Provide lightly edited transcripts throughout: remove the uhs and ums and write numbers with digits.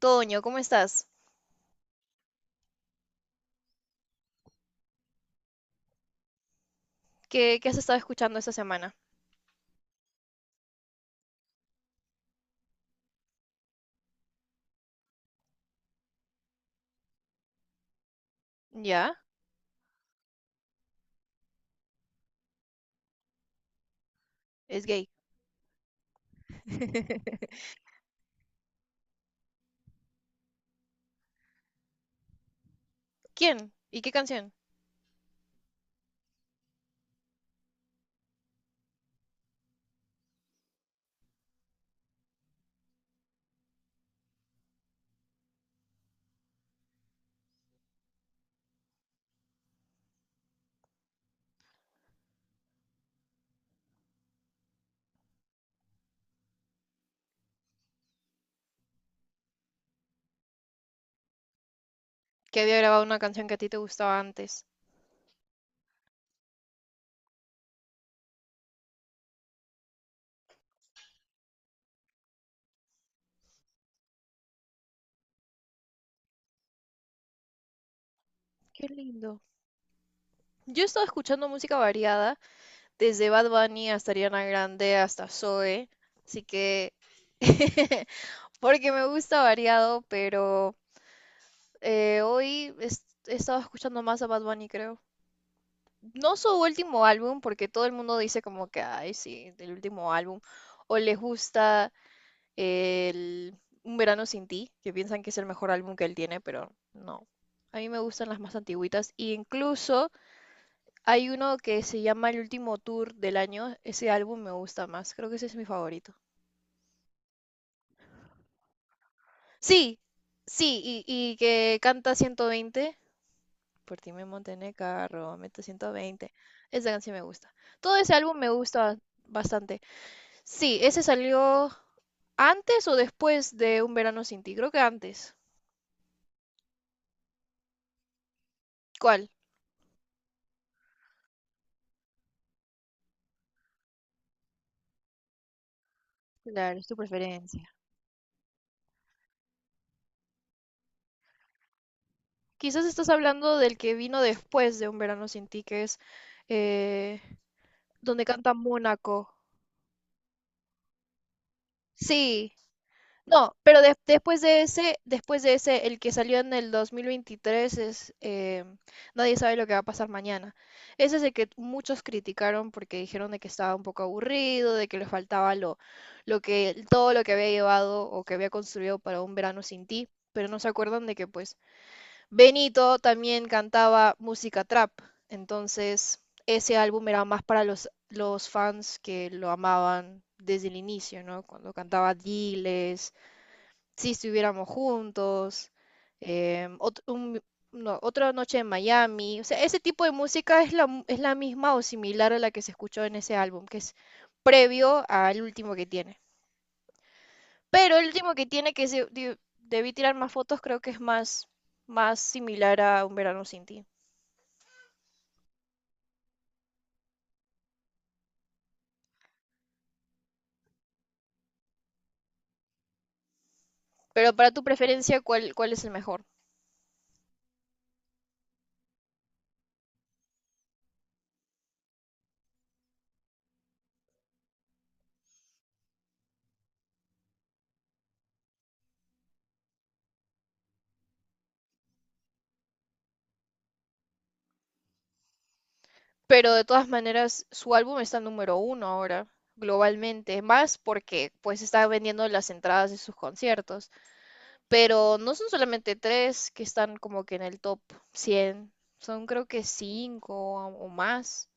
Toño, ¿cómo estás? ¿Qué has estado escuchando esta semana? ¿Ya? Es gay. ¿Quién? ¿Y qué canción? Que había grabado una canción que a ti te gustaba antes. Qué lindo. Yo he estado escuchando música variada, desde Bad Bunny hasta Ariana Grande, hasta Zoe, así que... Porque me gusta variado, pero he estado escuchando más a Bad Bunny, creo. No su último álbum, porque todo el mundo dice como que, ay, sí, el último álbum, o les gusta el Un Verano Sin Ti, que piensan que es el mejor álbum que él tiene, pero no. A mí me gustan las más antiguitas. Y incluso hay uno que se llama El Último Tour del Año. Ese álbum me gusta más. Creo que ese es mi favorito. Sí, sí, y que canta 120. Por ti me monté en el carro, mete 120. Esa canción me gusta. Todo ese álbum me gusta bastante. Sí, ese salió antes o después de Un Verano Sin Ti. Creo que antes. ¿Cuál? Claro, es tu preferencia. Quizás estás hablando del que vino después de Un Verano Sin Ti, que es eh, donde canta Mónaco. Sí, no, pero después de ese, el que salió en el 2023 es Nadie sabe lo que va a pasar mañana. Ese es el que muchos criticaron porque dijeron de que estaba un poco aburrido, de que le faltaba lo que todo lo que había llevado o que había construido para Un Verano Sin Ti, pero no se acuerdan de que pues Benito también cantaba música trap, entonces ese álbum era más para los fans que lo amaban desde el inicio, ¿no? Cuando cantaba Diles, Si estuviéramos juntos, ot- un- no, Otra noche en Miami, o sea, ese tipo de música es es la misma o similar a la que se escuchó en ese álbum, que es previo al último que tiene. Pero el último que tiene, debí tirar más fotos, creo que es más similar a Un verano sin ti. Pero para tu preferencia, ¿cuál es el mejor? Pero de todas maneras, su álbum está número uno ahora, globalmente, más porque pues está vendiendo las entradas de sus conciertos. Pero no son solamente tres que están como que en el top 100, son creo que cinco o más.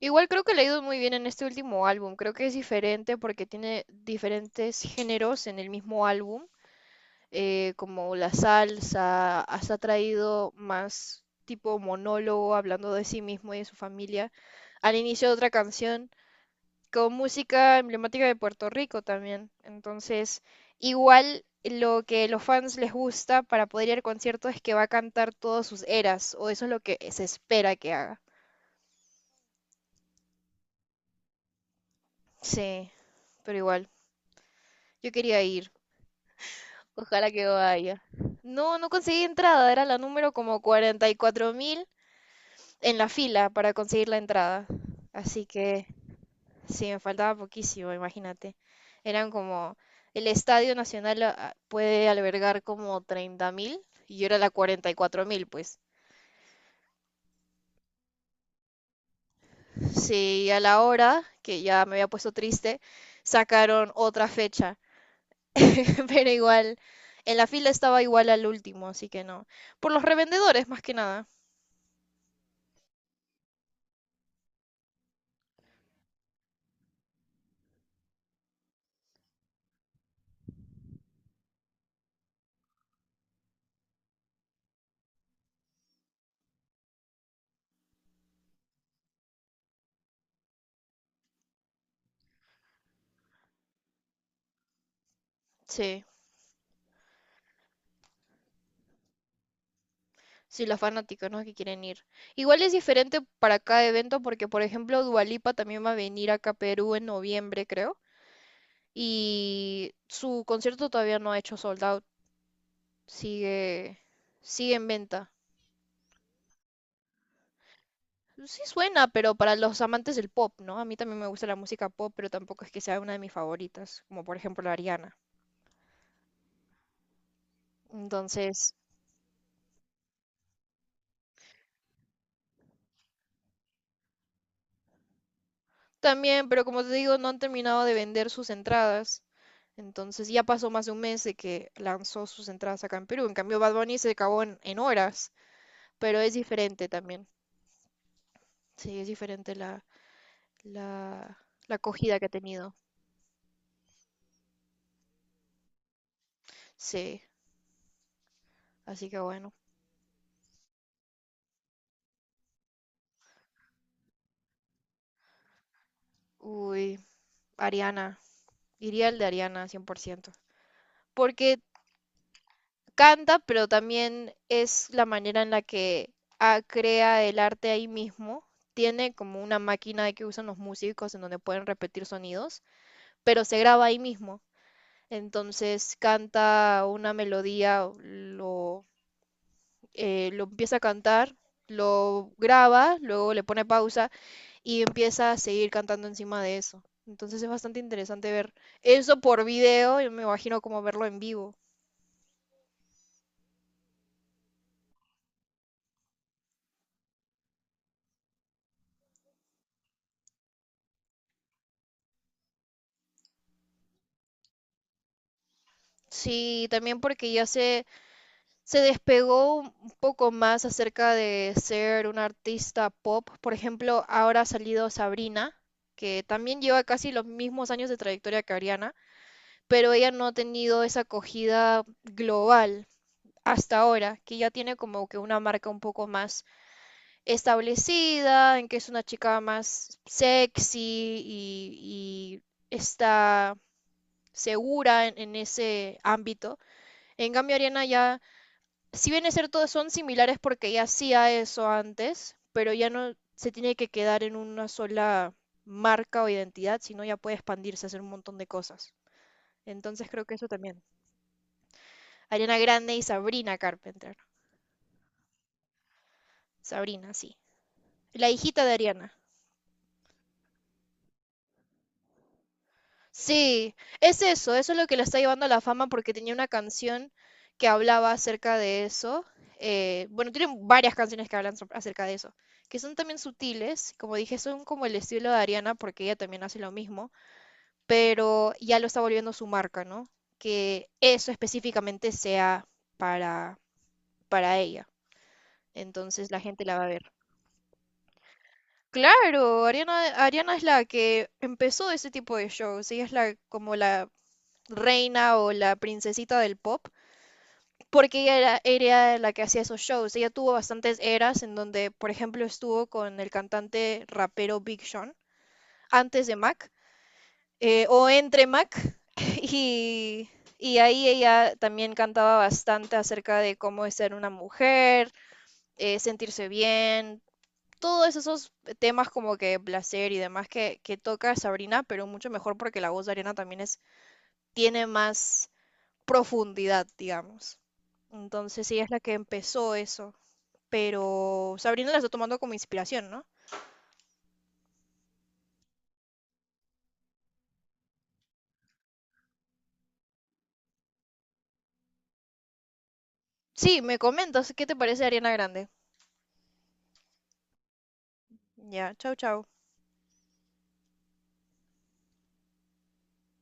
Igual creo que le ha ido muy bien en este último álbum, creo que es diferente porque tiene diferentes géneros en el mismo álbum como la salsa, hasta ha traído más tipo monólogo hablando de sí mismo y de su familia al inicio de otra canción con música emblemática de Puerto Rico también. Entonces, igual lo que los fans les gusta para poder ir al concierto es que va a cantar todas sus eras, o eso es lo que se espera que haga. Sí, pero igual, yo quería ir. Ojalá que vaya. No, no conseguí entrada, era la número como cuarenta y cuatro mil en la fila para conseguir la entrada. Así que sí, me faltaba poquísimo, imagínate. Eran como, el Estadio Nacional ah, puede albergar como 30.000 y yo era la 44.000, pues. Sí, a la hora, que ya me había puesto triste, sacaron otra fecha. Pero igual, en la fila estaba igual al último, así que no. Por los revendedores, más que nada. Sí. Sí, los fanáticos, ¿no? Que quieren ir. Igual es diferente para cada evento porque, por ejemplo, Dua Lipa también va a venir acá a Perú en noviembre, creo. Y su concierto todavía no ha hecho sold out. Sigue, sigue en venta. Sí suena, pero para los amantes del pop, ¿no? A mí también me gusta la música pop, pero tampoco es que sea una de mis favoritas, como por ejemplo la Ariana. Entonces, también, pero como te digo, no han terminado de vender sus entradas. Entonces ya pasó más de un mes de que lanzó sus entradas acá en Perú. En cambio, Bad Bunny se acabó en horas, pero es diferente también. Sí, es diferente la, la acogida que ha tenido. Sí, así que bueno. Uy, Ariana. Iría el de Ariana cien por ciento. Porque canta, pero también es la manera en la que crea el arte ahí mismo. Tiene como una máquina de que usan los músicos en donde pueden repetir sonidos, pero se graba ahí mismo. Entonces canta una melodía, lo empieza a cantar, lo graba, luego le pone pausa y empieza a seguir cantando encima de eso. Entonces es bastante interesante ver eso por video, yo me imagino como verlo en vivo. Sí, también porque ya se despegó un poco más acerca de ser una artista pop. Por ejemplo, ahora ha salido Sabrina, que también lleva casi los mismos años de trayectoria que Ariana, pero ella no ha tenido esa acogida global hasta ahora, que ya tiene como que una marca un poco más establecida, en que es una chica más sexy y, y está segura en ese ámbito. En cambio, Ariana ya si bien es cierto, son similares porque ya hacía eso antes, pero ya no se tiene que quedar en una sola marca o identidad, sino ya puede expandirse, hacer un montón de cosas. Entonces creo que eso también. Ariana Grande y Sabrina Carpenter. Sabrina, sí. La hijita de Ariana. Sí, es eso es lo que lo está llevando a la fama porque tenía una canción que hablaba acerca de eso. Bueno, tiene varias canciones que hablan acerca de eso, que son también sutiles, como dije, son como el estilo de Ariana porque ella también hace lo mismo, pero ya lo está volviendo su marca, ¿no? Que eso específicamente sea para, para ella. Entonces la gente la va a ver. Claro, Ariana es la que empezó ese tipo de shows, ella es la como la reina o la princesita del pop, porque ella era la que hacía esos shows. Ella tuvo bastantes eras en donde, por ejemplo, estuvo con el cantante rapero Big Sean antes de Mac o entre Mac y, y ahí ella también cantaba bastante acerca de cómo es ser una mujer, sentirse bien, todos esos temas como que placer y demás que toca Sabrina, pero mucho mejor porque la voz de Ariana también es, tiene más profundidad, digamos. Entonces ella es la que empezó eso, pero Sabrina la está tomando como inspiración, ¿no? Sí, me comentas, ¿qué te parece Ariana Grande? Ya, chau, chau.